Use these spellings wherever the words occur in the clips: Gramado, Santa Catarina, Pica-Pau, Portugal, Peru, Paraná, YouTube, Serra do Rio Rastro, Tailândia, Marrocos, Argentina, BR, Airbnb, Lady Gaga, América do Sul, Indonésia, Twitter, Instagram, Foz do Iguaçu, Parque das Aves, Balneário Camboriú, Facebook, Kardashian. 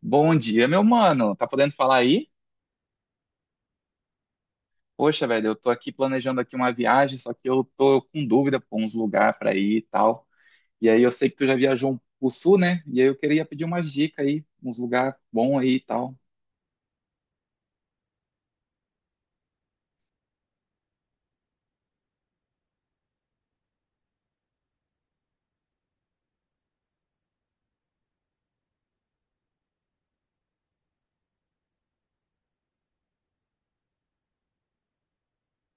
Bom dia, meu mano. Tá podendo falar aí? Poxa, velho, eu tô aqui planejando aqui uma viagem, só que eu tô com dúvida por uns lugares pra ir e tal. E aí eu sei que tu já viajou pro sul, né? E aí eu queria pedir umas dicas aí, uns lugares bons aí e tal.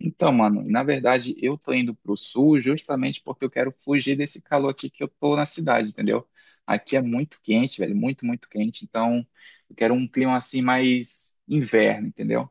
Então, mano, na verdade eu tô indo pro sul justamente porque eu quero fugir desse calor aqui que eu tô na cidade, entendeu? Aqui é muito quente, velho, muito, muito quente. Então, eu quero um clima assim mais inverno, entendeu?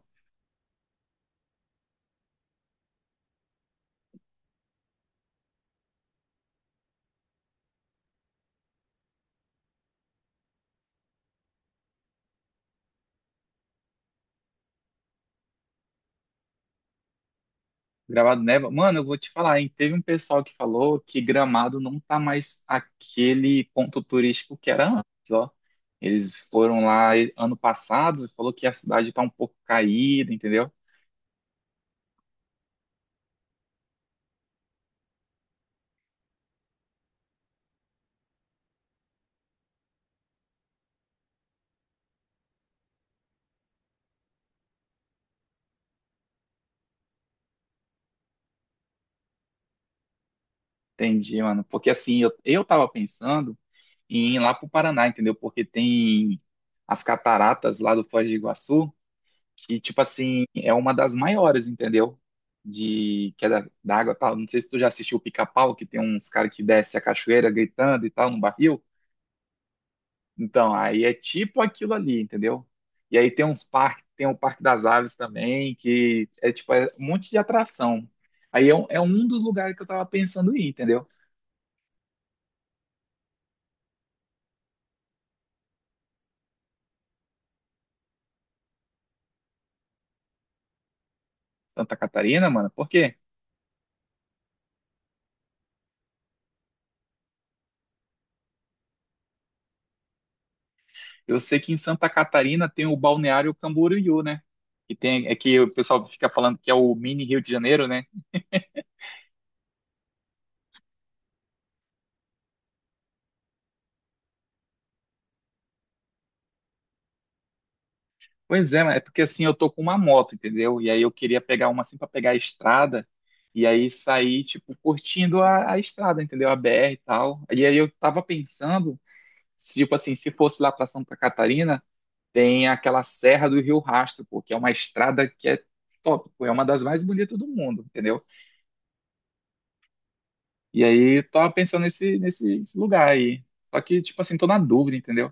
Gramado neva. Mano, eu vou te falar, hein? Teve um pessoal que falou que Gramado não tá mais aquele ponto turístico que era antes, ó. Eles foram ano passado e falou que a cidade tá um pouco caída, entendeu? Entendi, mano. Porque assim, eu tava pensando em ir lá pro Paraná, entendeu? Porque tem as cataratas lá do Foz do Iguaçu. Que, tipo assim, é uma das maiores, entendeu? De que é da água e tal. Não sei se tu já assistiu o Pica-Pau, que tem uns caras que desce a cachoeira gritando e tal no barril. Então, aí é tipo aquilo ali, entendeu? E aí tem uns parques, tem o Parque das Aves também, que é tipo é um monte de atração. É um dos lugares que eu tava pensando em ir, entendeu? Santa Catarina, mano, por quê? Eu sei que em Santa Catarina tem o Balneário Camboriú, né? Que tem, é que o pessoal fica falando que é o mini Rio de Janeiro, né? Pois é, mas é porque assim eu tô com uma moto, entendeu? E aí eu queria pegar uma assim pra pegar a estrada e aí sair, tipo, curtindo a estrada, entendeu? A BR e tal. E aí eu tava pensando, se, tipo assim, se fosse lá pra Santa Catarina, tem aquela Serra do Rio Rastro, pô, que é uma estrada que é top, pô, é uma das mais bonitas do mundo, entendeu? E aí eu tava pensando nesse lugar aí. Só que, tipo assim, tô na dúvida, entendeu?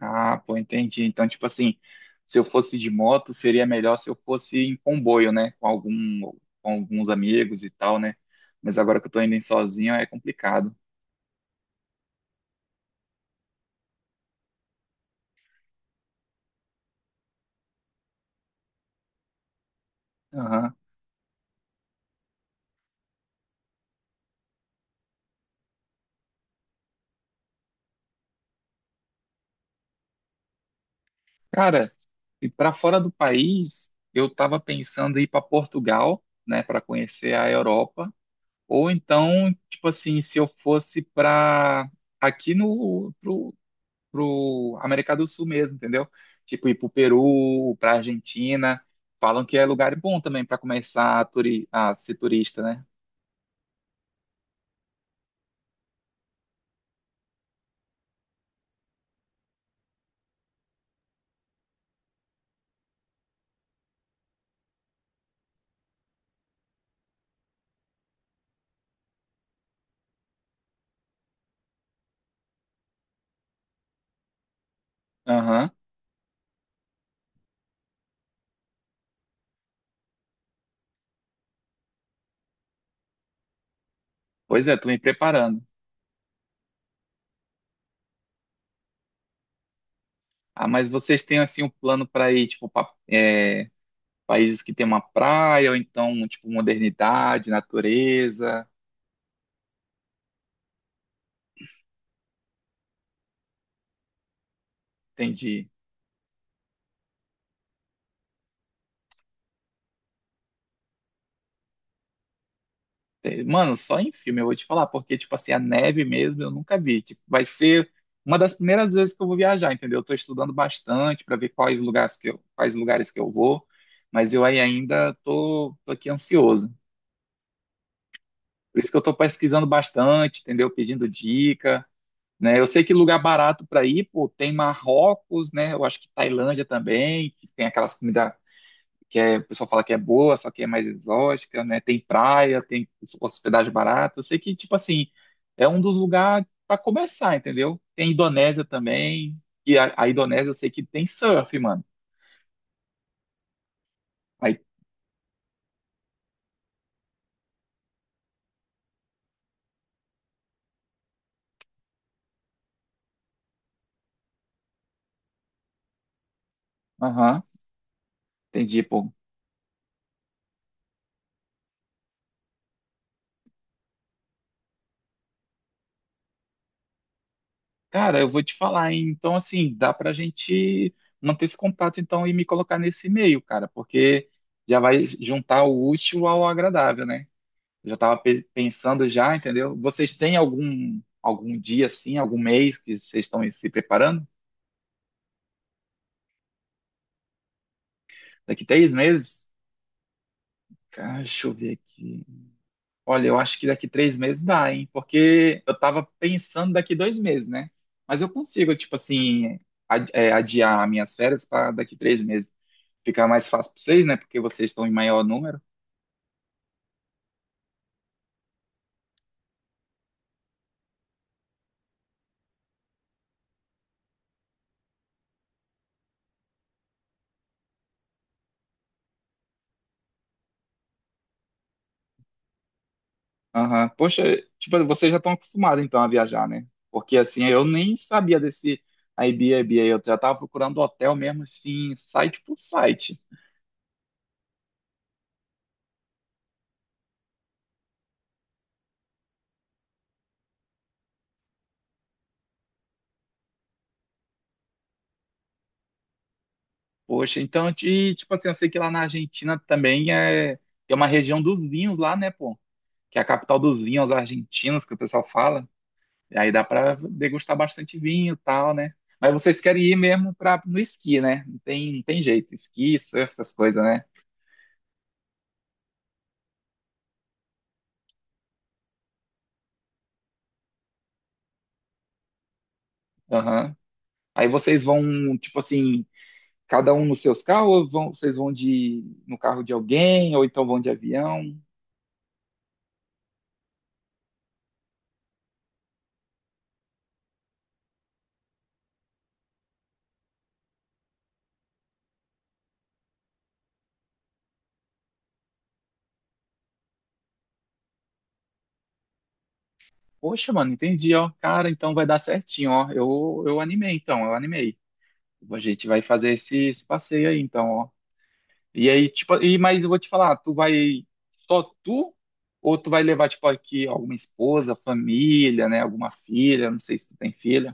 Ah, pô, entendi. Então, tipo assim, se eu fosse de moto, seria melhor se eu fosse em comboio, né? Com alguns amigos e tal, né? Mas agora que eu tô indo em sozinho é complicado. Aham. Cara, e para fora do país, eu tava pensando em ir para Portugal, né, para conhecer a Europa, ou então, tipo assim, se eu fosse para aqui no pro América do Sul mesmo, entendeu? Tipo, ir pro Peru, pra Argentina. Falam que é lugar bom também para começar a ser turista, né? Aham. Pois é, tô me preparando. Ah, mas vocês têm assim um plano para ir, tipo, países que tem uma praia, ou então, tipo, modernidade, natureza? Entendi. É, mano, só em filme eu vou te falar, porque, tipo assim, a neve mesmo eu nunca vi. Tipo, vai ser uma das primeiras vezes que eu vou viajar, entendeu? Eu tô estudando bastante para ver quais lugares que eu vou, mas eu aí ainda tô aqui ansioso. Por isso que eu tô pesquisando bastante, entendeu? Pedindo dica, né? Eu sei que lugar barato para ir, pô, tem Marrocos, né? Eu acho que Tailândia também, que tem aquelas comidas que é, o pessoal fala que é boa, só que é mais exótica, né? Tem praia, tem hospedagem barata. Eu sei que, tipo assim, é um dos lugares para começar, entendeu? Tem Indonésia também, e a Indonésia eu sei que tem surf, mano. Aí, aham, entendi, pô. Cara, eu vou te falar, hein? Então, assim, dá pra gente manter esse contato, então, e me colocar nesse e-mail, cara, porque já vai juntar o útil ao agradável, né? Eu já estava pensando já, entendeu? Vocês têm algum dia assim, algum mês que vocês estão se preparando? Daqui três meses? Cara, deixa eu ver aqui. Olha, eu acho que daqui três meses dá, hein? Porque eu estava pensando daqui dois meses, né? Mas eu consigo, tipo assim, adiar minhas férias para daqui três meses. Ficar mais fácil para vocês, né? Porque vocês estão em maior número. Aham. Poxa, tipo, vocês já estão acostumados então a viajar, né? Porque assim, eu nem sabia desse Airbnb aí, eu já tava procurando hotel mesmo assim, site por site. Poxa, então, e, tipo assim, eu sei que lá na Argentina também é, tem uma região dos vinhos lá, né, pô? Que é a capital dos vinhos argentinos, que o pessoal fala. E aí dá pra degustar bastante vinho e tal, né? Mas vocês querem ir mesmo pra, no esqui, né? Não tem, não tem jeito, esqui, surf, essas coisas, né? Aham. Aí vocês vão, tipo assim, cada um nos seus carros ou vocês vão de no carro de alguém ou então vão de avião? Poxa, mano, entendi, ó. Cara, então vai dar certinho, ó. Eu animei, então, eu animei. A gente vai fazer esse passeio aí, então, ó. E aí, tipo, e, mas eu vou te falar, tu vai só tu ou tu vai levar, tipo, aqui alguma esposa, família, né? Alguma filha, não sei se tu tem filha.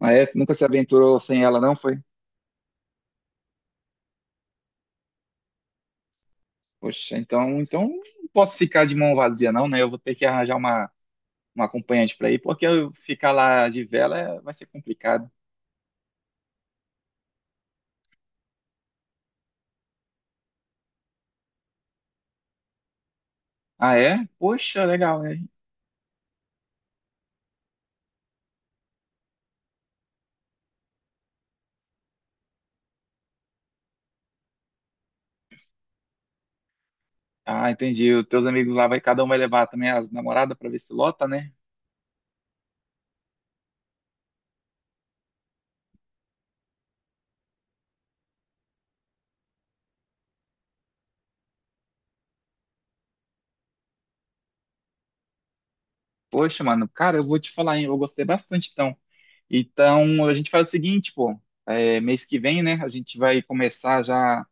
Ah, é? Nunca se aventurou sem ela, não foi? Poxa, então não posso ficar de mão vazia, não, né? Eu vou ter que arranjar uma um acompanhante para ir, porque eu ficar lá de vela vai ser complicado. Ah, é? Poxa, legal, é. Ah, entendi. Os teus amigos lá, vai, cada um vai levar também as namoradas para ver se lota, né? Poxa, mano, cara, eu vou te falar, hein? Eu gostei bastante, então. Então, a gente faz o seguinte, pô. É, mês que vem, né? A gente vai começar já.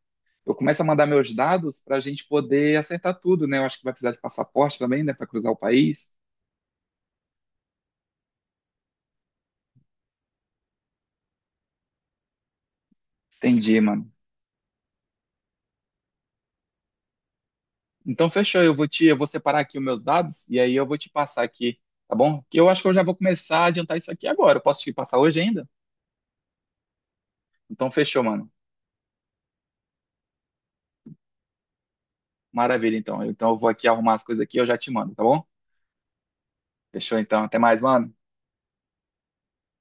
Eu começo a mandar meus dados para a gente poder acertar tudo, né? Eu acho que vai precisar de passaporte também, né? Para cruzar o país. Entendi, mano. Então, fechou. Eu vou separar aqui os meus dados e aí eu vou te passar aqui, tá bom? Que eu acho que eu já vou começar a adiantar isso aqui agora. Eu posso te passar hoje ainda? Então, fechou, mano. Maravilha, então. Então, eu vou aqui arrumar as coisas aqui e eu já te mando, tá bom? Fechou, então. Até mais, mano.